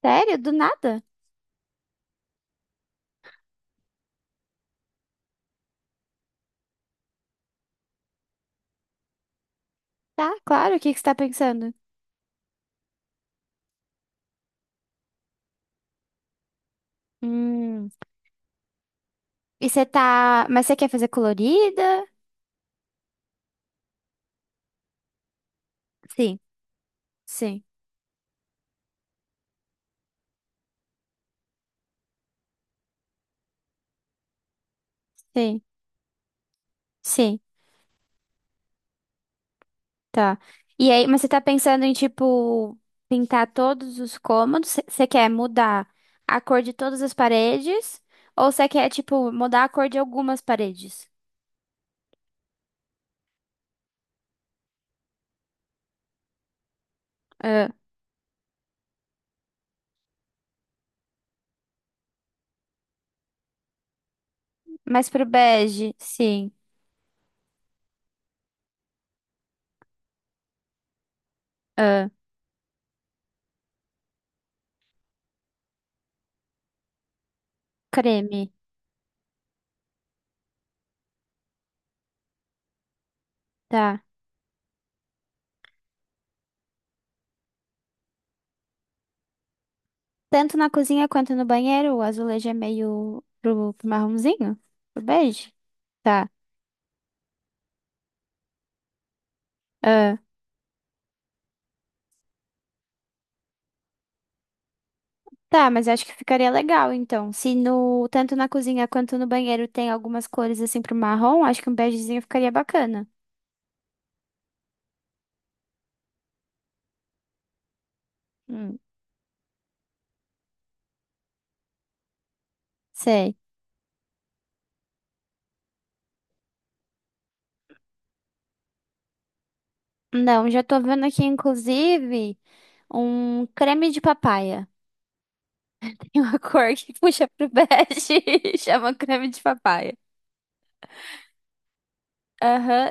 Sério? Do nada? Tá, claro. O que que você tá pensando? Hum. E você tá. Mas você quer fazer colorida? Sim, sim, sim, sim. Tá. E aí, mas você tá pensando em, tipo, pintar todos os cômodos? Você quer mudar a cor de todas as paredes? Ou você quer, tipo, mudar a cor de algumas paredes? Ah, mais pro bege? Sim. Ah, creme. Tá. Tanto na cozinha quanto no banheiro, o azulejo é meio pro, pro marronzinho? Pro bege? Tá. Ah, tá, mas acho que ficaria legal, então. Se no, tanto na cozinha quanto no banheiro tem algumas cores assim pro marrom, acho que um begezinho ficaria bacana. Hum, sei. Não, já tô vendo aqui, inclusive, um creme de papaya. Tem uma cor que puxa pro bege e chama creme de papaya. Aham.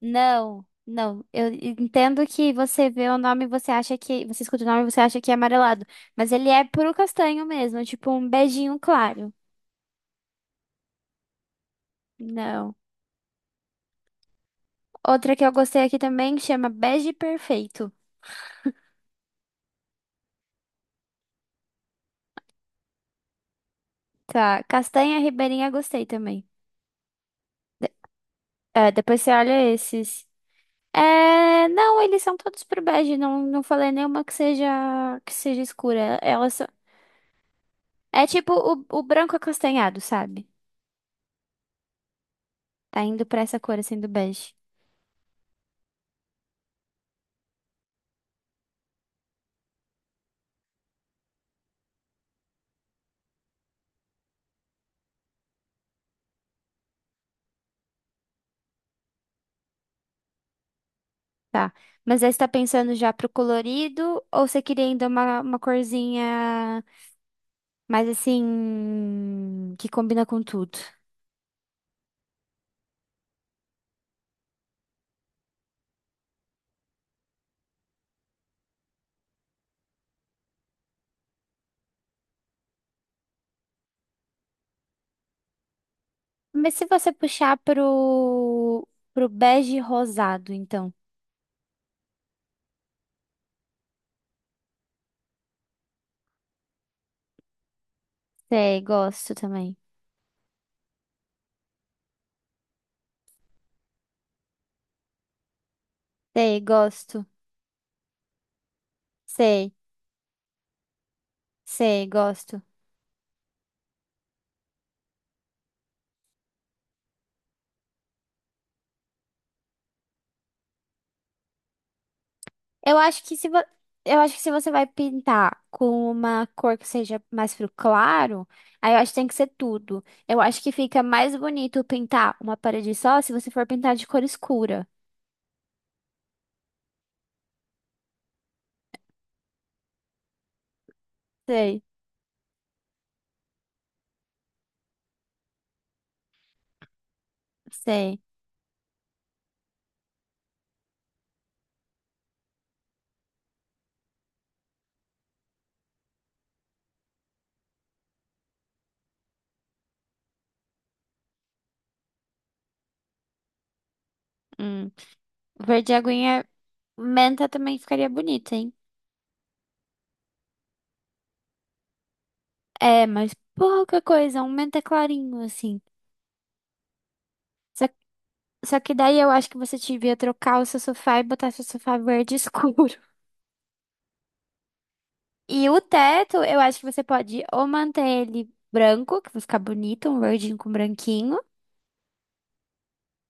Não, não. Eu entendo que você vê o nome, e você acha que. Você escuta o nome, e você acha que é amarelado. Mas ele é puro castanho mesmo, tipo um beijinho claro. Não. Outra que eu gostei aqui também chama Bege Perfeito. Tá. Castanha Ribeirinha gostei também. De- é, depois você olha esses. É, não, eles são todos pro bege. Não, não falei nenhuma que seja escura. Elas são- é tipo o branco acastanhado, sabe? Tá indo pra essa cor assim do bege. Tá. Mas aí você tá pensando já pro colorido ou você queria ainda uma corzinha mais assim que combina com tudo? Mas se você puxar pro, pro bege rosado, então. Sei, gosto também. Sei, gosto. Sei, sei, gosto. Eu acho que se vo- eu acho que se você vai pintar com uma cor que seja mais pro claro, aí eu acho que tem que ser tudo. Eu acho que fica mais bonito pintar uma parede só se você for pintar de cor escura. Sei, sei. Hum. Verde aguinha, menta também ficaria bonito, hein? É, mas pouca coisa, um menta clarinho assim. Só, só que daí eu acho que você devia trocar o seu sofá e botar seu sofá verde escuro. E o teto, eu acho que você pode ou manter ele branco, que vai ficar bonito, um verdinho com branquinho.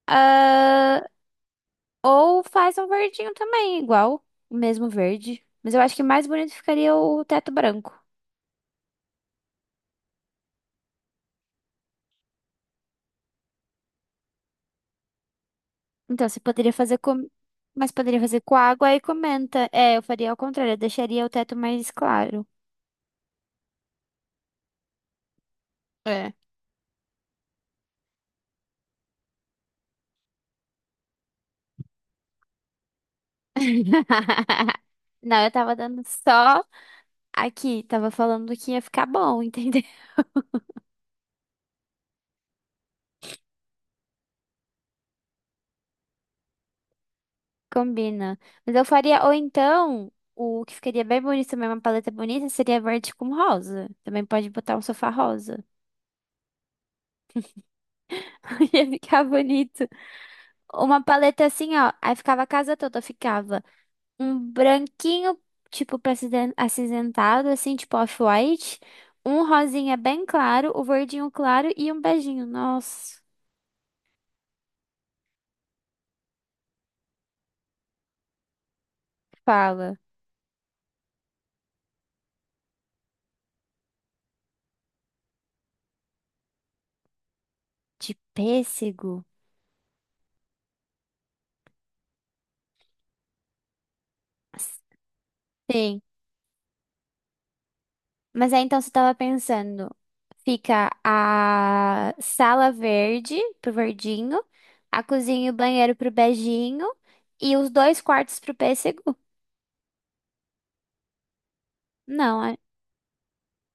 Ah, ou faz um verdinho também, igual, o mesmo verde. Mas eu acho que mais bonito ficaria o teto branco. Então, você poderia fazer com... Mas poderia fazer com água e comenta. É, eu faria ao contrário, eu deixaria o teto mais claro. É. Não, eu tava dando só aqui, tava falando que ia ficar bom, entendeu? Combina. Mas eu faria, ou então, o que ficaria bem bonito também, uma paleta bonita, seria verde com rosa. Também pode botar um sofá rosa. Ia ficar bonito. Uma paleta assim, ó. Aí ficava a casa toda, ficava um branquinho, tipo, pra aciden- acinzentado, assim, tipo off-white. Um rosinha bem claro, o verdinho claro e um beijinho. Nossa, fala. De pêssego? Sim. Mas aí então você tava pensando, fica a sala verde pro verdinho, a cozinha e o banheiro pro beijinho e os dois quartos pro pêssego? Não, é-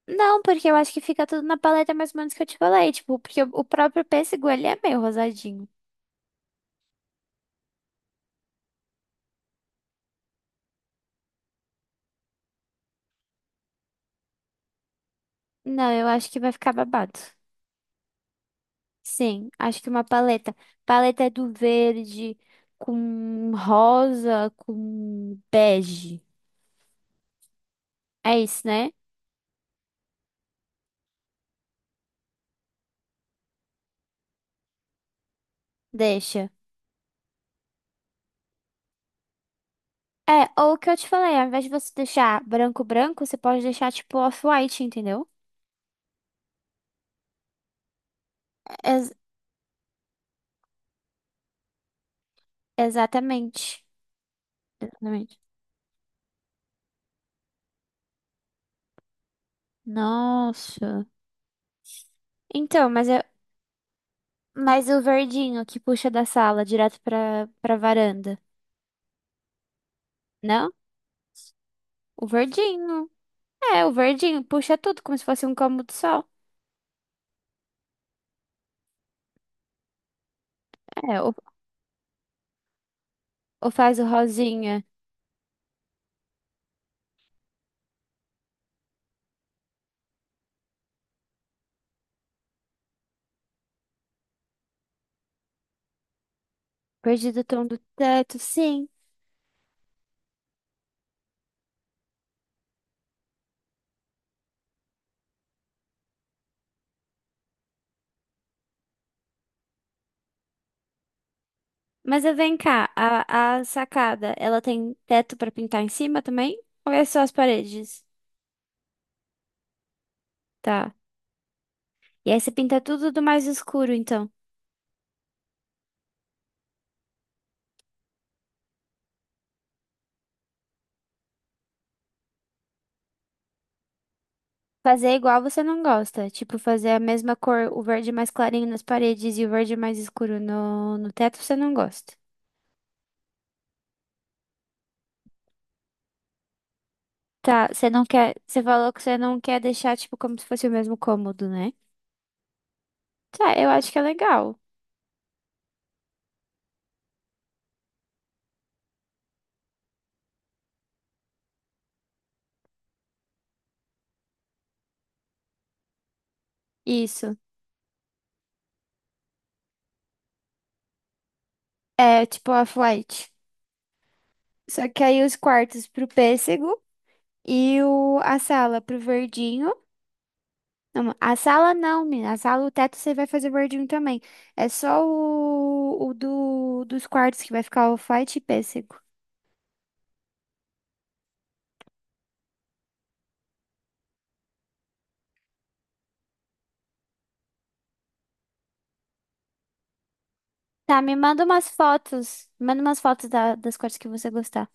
não, porque eu acho que fica tudo na paleta mais ou menos que eu te falei, tipo, porque o próprio pêssego ele é meio rosadinho. Não, eu acho que vai ficar babado. Sim, acho que uma paleta. Paleta é do verde com rosa, com bege. É isso, né? Deixa. É, ou o que eu te falei, ao invés de você deixar branco branco, você pode deixar tipo off-white, entendeu? Ex- exatamente. Exatamente. Nossa. Então, mas eu, mas o verdinho que puxa da sala direto pra, pra varanda. Não? O verdinho. É, o verdinho puxa tudo como se fosse um cômodo só. É, ou faz o rosinha. Perdido o tom do teto, sim. Mas eu vem cá, a sacada, ela tem teto pra pintar em cima também? Ou é só as paredes? Tá. E aí você pinta tudo do mais escuro, então. Fazer é igual você não gosta. Tipo, fazer a mesma cor, o verde mais clarinho nas paredes e o verde mais escuro no, no teto, você não gosta. Tá, você não quer. Você falou que você não quer deixar, tipo, como se fosse o mesmo cômodo, né? Tá, eu acho que é legal. Isso. É tipo a flight. Só que aí os quartos pro pêssego e o, a sala pro verdinho. Não, a sala não, menina. A sala, o teto você vai fazer verdinho também. É só o do, dos quartos que vai ficar o white e pêssego. Tá, me manda umas fotos. Manda umas fotos da- das cores que você gostar.